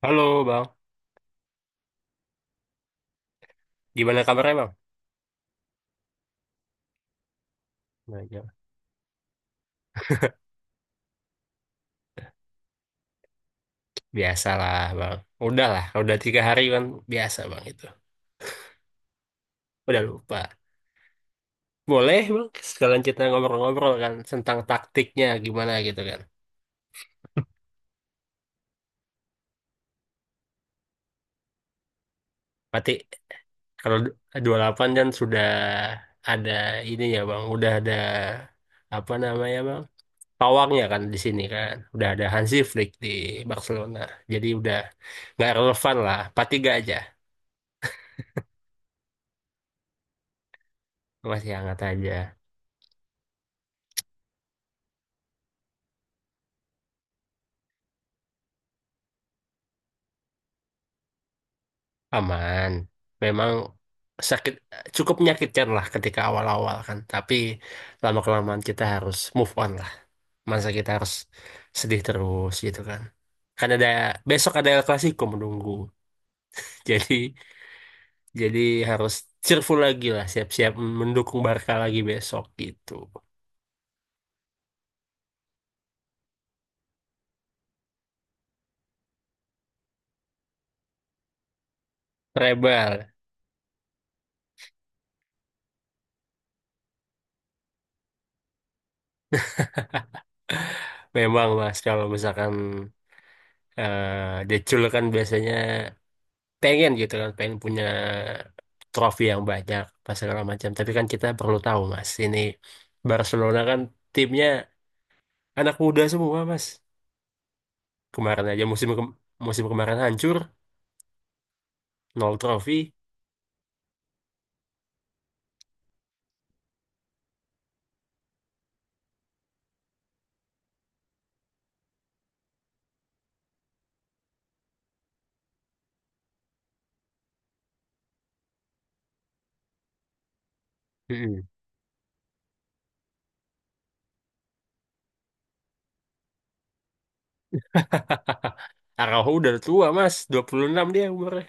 Halo Bang, gimana kabarnya Bang? Baik, ya. Biasalah Bang, udah lah, udah 3 hari kan biasa Bang itu, udah lupa. Boleh Bang, sekalian kita ngobrol-ngobrol kan tentang taktiknya gimana gitu kan. Berarti kalau 28 dan sudah ada ini ya Bang, udah ada apa namanya Bang? Pawangnya kan di sini kan, udah ada Hansi Flick di Barcelona, jadi udah nggak relevan lah, 4-3 aja, masih hangat aja. Aman. Memang sakit cukup menyakitkan lah ketika awal-awal kan, tapi lama-kelamaan kita harus move on lah. Masa kita harus sedih terus gitu kan. Kan ada besok ada El Clasico menunggu. Jadi jadi harus cheerful lagi lah, siap-siap mendukung Barca lagi besok gitu. Rebel. Memang Mas, kalau misalkan decul kan biasanya pengen gitu kan, pengen punya trofi yang banyak pas segala macam, tapi kan kita perlu tahu mas, ini Barcelona kan timnya anak muda semua mas. Kemarin aja musim kemarin hancur, 0 trofi. Mm-mm. Araujo udah tua mas, 26 dia umurnya.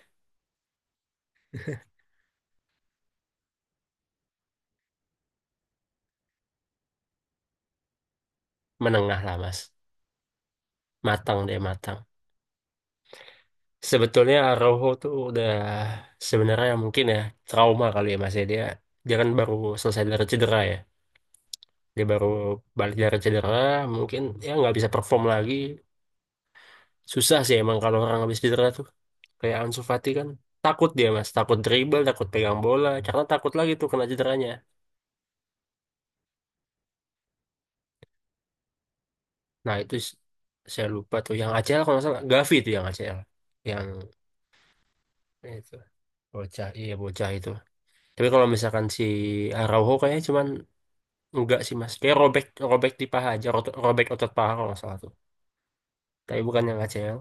Menengah lah mas, matang dia, matang sebetulnya. Araujo tuh udah sebenarnya mungkin ya trauma kali ya mas ya, dia dia kan baru selesai dari cedera ya, dia baru balik dari cedera, mungkin ya nggak bisa perform lagi. Susah sih emang kalau orang habis cedera tuh, kayak Ansu Fati kan, takut dia mas, takut dribble, takut pegang bola karena takut lagi tuh kena cederanya. Nah itu, saya lupa tuh yang ACL, kalau nggak salah Gavi tuh yang ACL, yang itu bocah, iya bocah itu. Tapi kalau misalkan si Araujo kayaknya cuman enggak sih mas, kayak robek, robek di paha aja, robek otot paha kalau nggak salah tuh, tapi bukan yang ACL.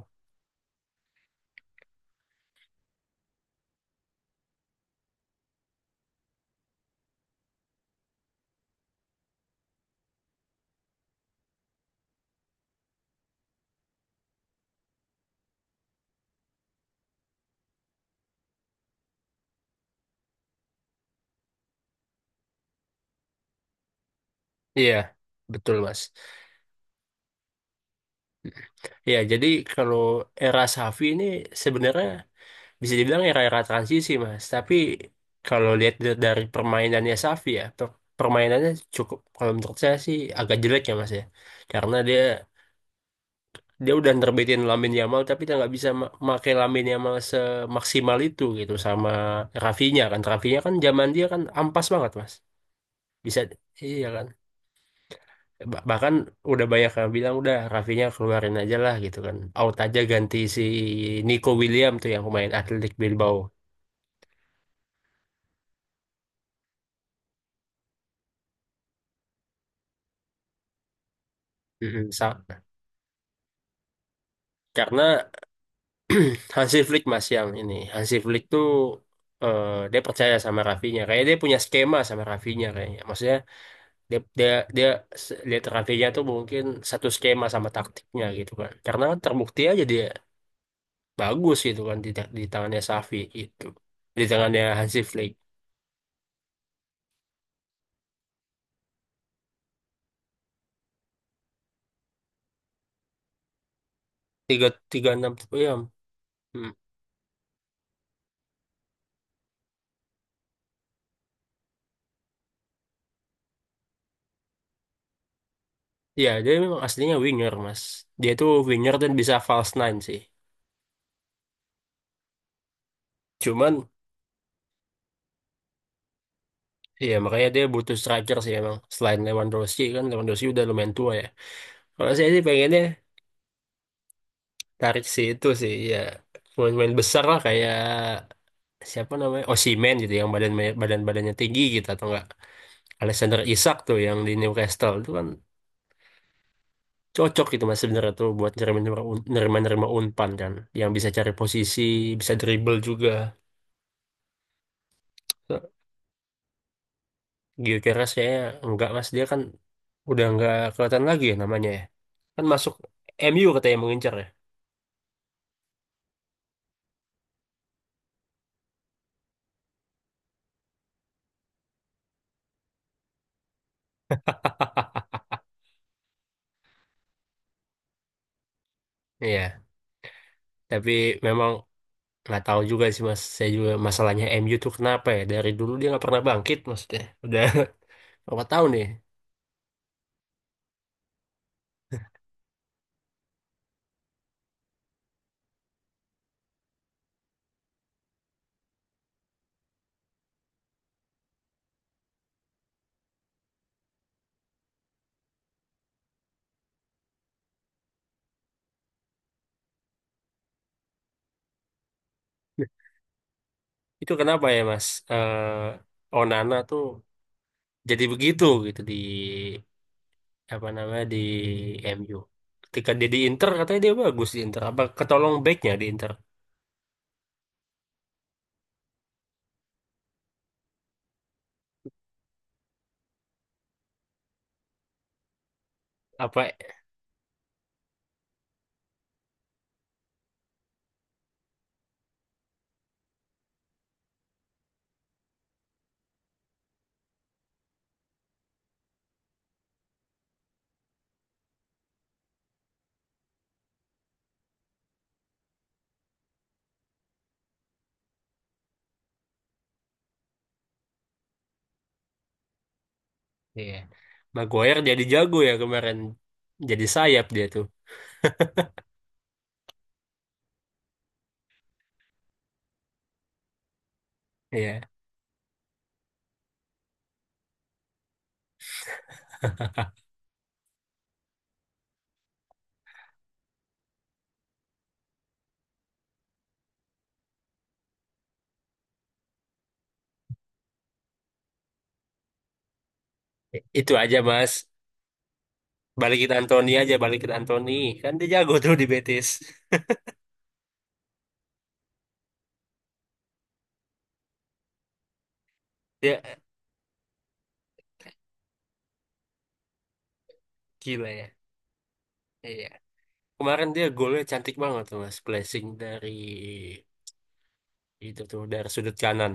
Iya, betul mas. Ya, jadi kalau era Safi ini sebenarnya bisa dibilang era-era transisi, Mas. Tapi kalau lihat dari permainannya Safi ya, permainannya cukup, kalau menurut saya sih agak jelek ya, Mas ya. Karena dia dia udah nerbitin Lamine Yamal tapi dia nggak bisa make Lamine Yamal semaksimal itu gitu, sama Rafinya kan. Rafinya kan zaman dia kan ampas banget, Mas. Bisa, iya kan. Bahkan udah banyak yang bilang udah Rafinya keluarin aja lah gitu kan, out aja ganti si Nico William tuh, yang pemain Athletic Bilbao. Mm-mm, karena Hansi Flick mas, yang ini Hansi Flick tuh eh, dia percaya sama Rafinya, kayak dia punya skema sama Rafinya kayaknya, maksudnya dia dia dia lihat Rafinya tuh mungkin satu skema sama taktiknya gitu kan, karena terbukti aja dia bagus gitu kan di tangannya Safi itu, di tangannya Hansi Flick. Tiga tiga enam ya. Hmm. Ya, dia memang aslinya winger, Mas. Dia tuh winger dan bisa false nine sih. Cuman, ya makanya dia butuh striker sih emang. Selain Lewandowski kan, Lewandowski udah lumayan tua ya. Kalau saya sih pengennya tarik si itu sih, ya pemain-pemain besar lah kayak siapa namanya Osimhen gitu, yang badan badan badannya tinggi gitu, atau enggak Alexander Isak tuh yang di Newcastle itu kan, cocok gitu mas sebenarnya tuh buat nerima, nerima nerima unpan kan, yang bisa cari posisi, bisa dribble juga. Gio Keras kayaknya enggak mas, dia kan udah enggak kelihatan lagi ya namanya ya. Kan masuk MU katanya mengincar ya. Iya, tapi memang nggak tahu juga sih mas, saya juga masalahnya MU tuh kenapa ya, dari dulu dia nggak pernah bangkit, maksudnya udah berapa tahun nih. Itu kenapa ya mas? Onana tuh jadi begitu gitu di apa namanya, di MU, ketika dia di Inter katanya dia bagus di Inter, apa ketolong backnya di Inter apa. Iya. Maguire jadi jago ya kemarin. Jadi sayap dia tuh. Iya. Itu aja Mas. Balikin Anthony aja, balikin Anthony. Kan dia jago tuh di Betis. Dia gila ya. Iya. Kemarin dia golnya cantik banget tuh Mas. Placing dari itu tuh dari sudut kanan.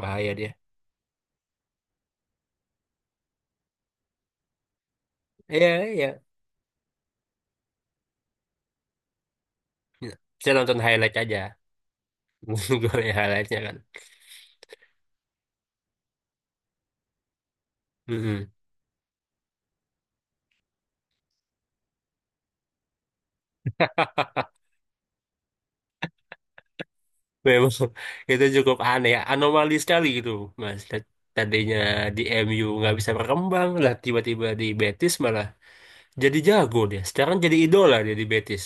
Bahaya dia. Iya, iya. Saya nonton highlight aja. Golnya highlightnya kan. Mm-mm. Memang itu cukup aneh, anomali sekali gitu, Mas. Tadinya di MU nggak bisa berkembang, lah tiba-tiba di Betis malah jadi jago dia. Sekarang jadi idola dia di Betis.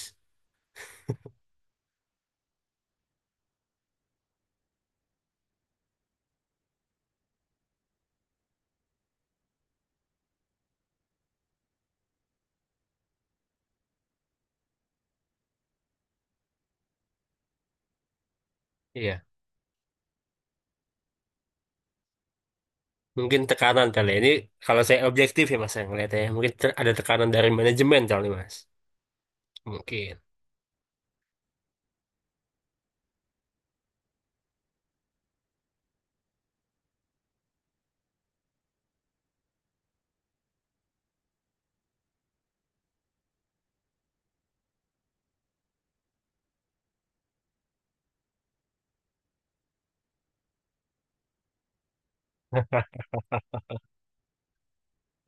Iya, mungkin tekanan kali ya. Ini kalau saya objektif ya Mas yang ngeliatnya, ya. Mungkin ada tekanan dari manajemen kali Mas. Mungkin.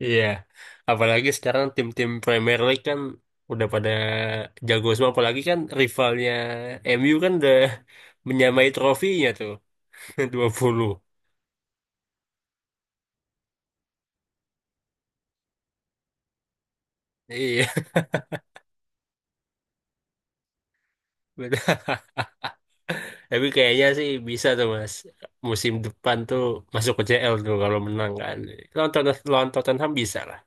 Iya, apalagi sekarang tim-tim Premier League kan udah pada jago semua, apalagi kan rivalnya MU kan udah menyamai trofinya tuh 20. Iya. Benar. Tapi kayaknya sih bisa tuh mas. Musim depan tuh masuk ke CL tuh kalau menang kan. Lawan lawan Tottenham bisa lah.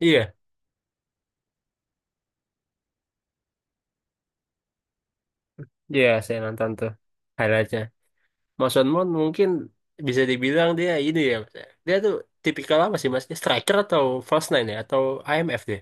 Iya, iya, saya nonton tuh highlightnya. Mason Mount mungkin bisa dibilang dia ini ya mas. Ya. Dia tuh tipikal apa sih mas? Dia striker atau false nine ya? Atau IMF dia?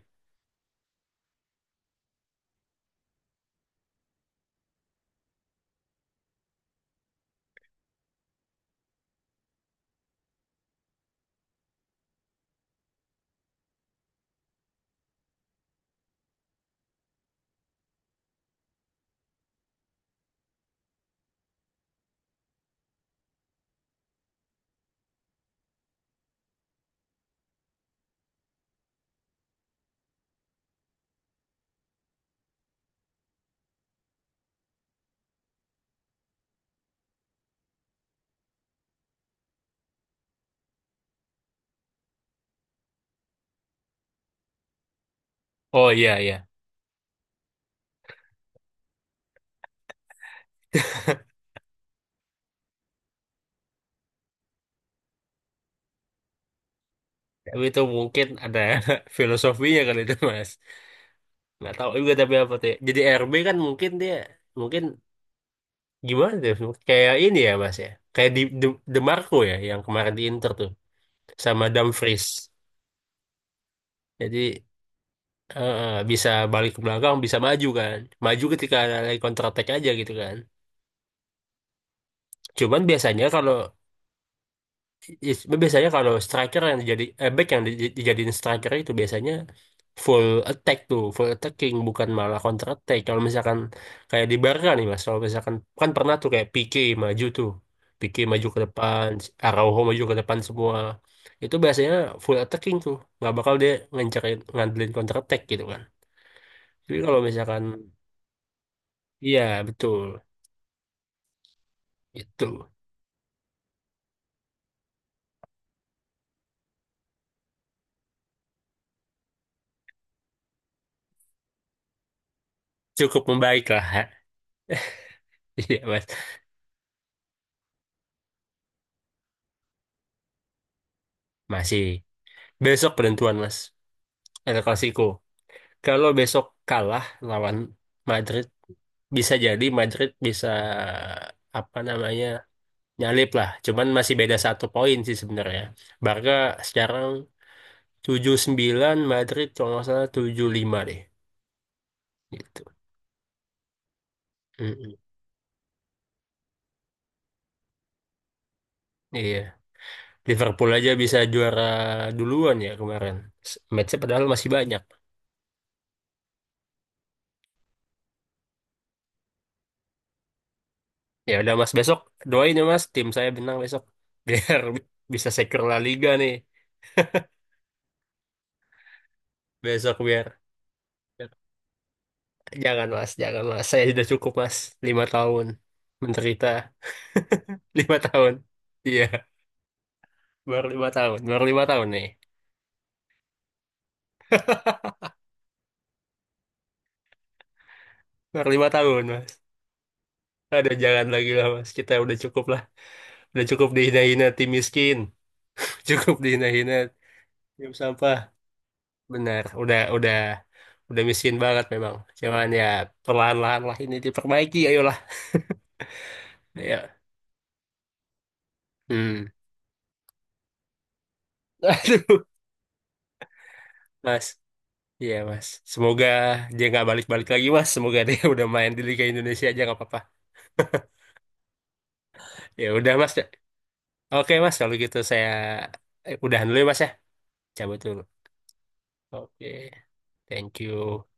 Oh, iya iya. Tapi itu mungkin ada filosofinya kali itu mas. Nggak tahu juga tapi apa tuh. Ya. Jadi RB kan mungkin dia, mungkin gimana deh? Kayak ini ya Mas ya. Kayak di DeMarco ya yang kemarin di Inter tuh sama Dumfries. Jadi bisa balik ke belakang, bisa maju kan. Maju ketika ada lagi counter attack aja gitu kan. Cuman biasanya kalau, Yes, biasanya kalau striker yang jadi back yang dijadiin striker itu biasanya full attack tuh, full attacking bukan malah counter attack. Kalau misalkan kayak di Barca nih Mas, kalau misalkan kan pernah tuh kayak Pique maju tuh. Pique maju ke depan, Araujo maju ke depan semua. Itu biasanya full attacking tuh, nggak bakal dia ngancarin ngandelin counter attack gitu kan. Jadi kalau misalkan iya, betul, itu cukup membaik lah. Iya Mas, masih besok penentuan Mas. El Clasico. Kalau besok kalah lawan Madrid, bisa jadi Madrid bisa apa namanya nyalip lah. Cuman masih beda 1 poin sih sebenarnya. Barca sekarang 79, Madrid kalau nggak salah 75 deh. Gitu. Mm-mm. Iya. Liverpool aja bisa juara duluan ya kemarin. Matchnya padahal masih banyak. Ya udah Mas, besok doain ya Mas tim saya menang besok biar bisa secure La Liga nih besok biar. Jangan mas, jangan mas. Saya sudah cukup mas. 5 tahun menderita. 5 tahun. Iya, baru 5 tahun. Baru 5 tahun nih. Baru 5 tahun mas. Ada jangan lagi lah mas. Kita udah cukup lah. Udah cukup dihina-hina tim miskin. Cukup dihina-hina tim sampah. Benar. Udah miskin banget memang. Cuman ya perlahan-lahan lah ini diperbaiki. Ayolah. Ya. Hmm. Aduh, mas. Iya mas, semoga dia nggak balik-balik lagi mas. Semoga dia udah main di Liga Indonesia aja nggak apa-apa. Ya udah mas. Oke mas, kalau gitu saya udahan dulu ya mas ya. Cabut dulu. Oke, thank you.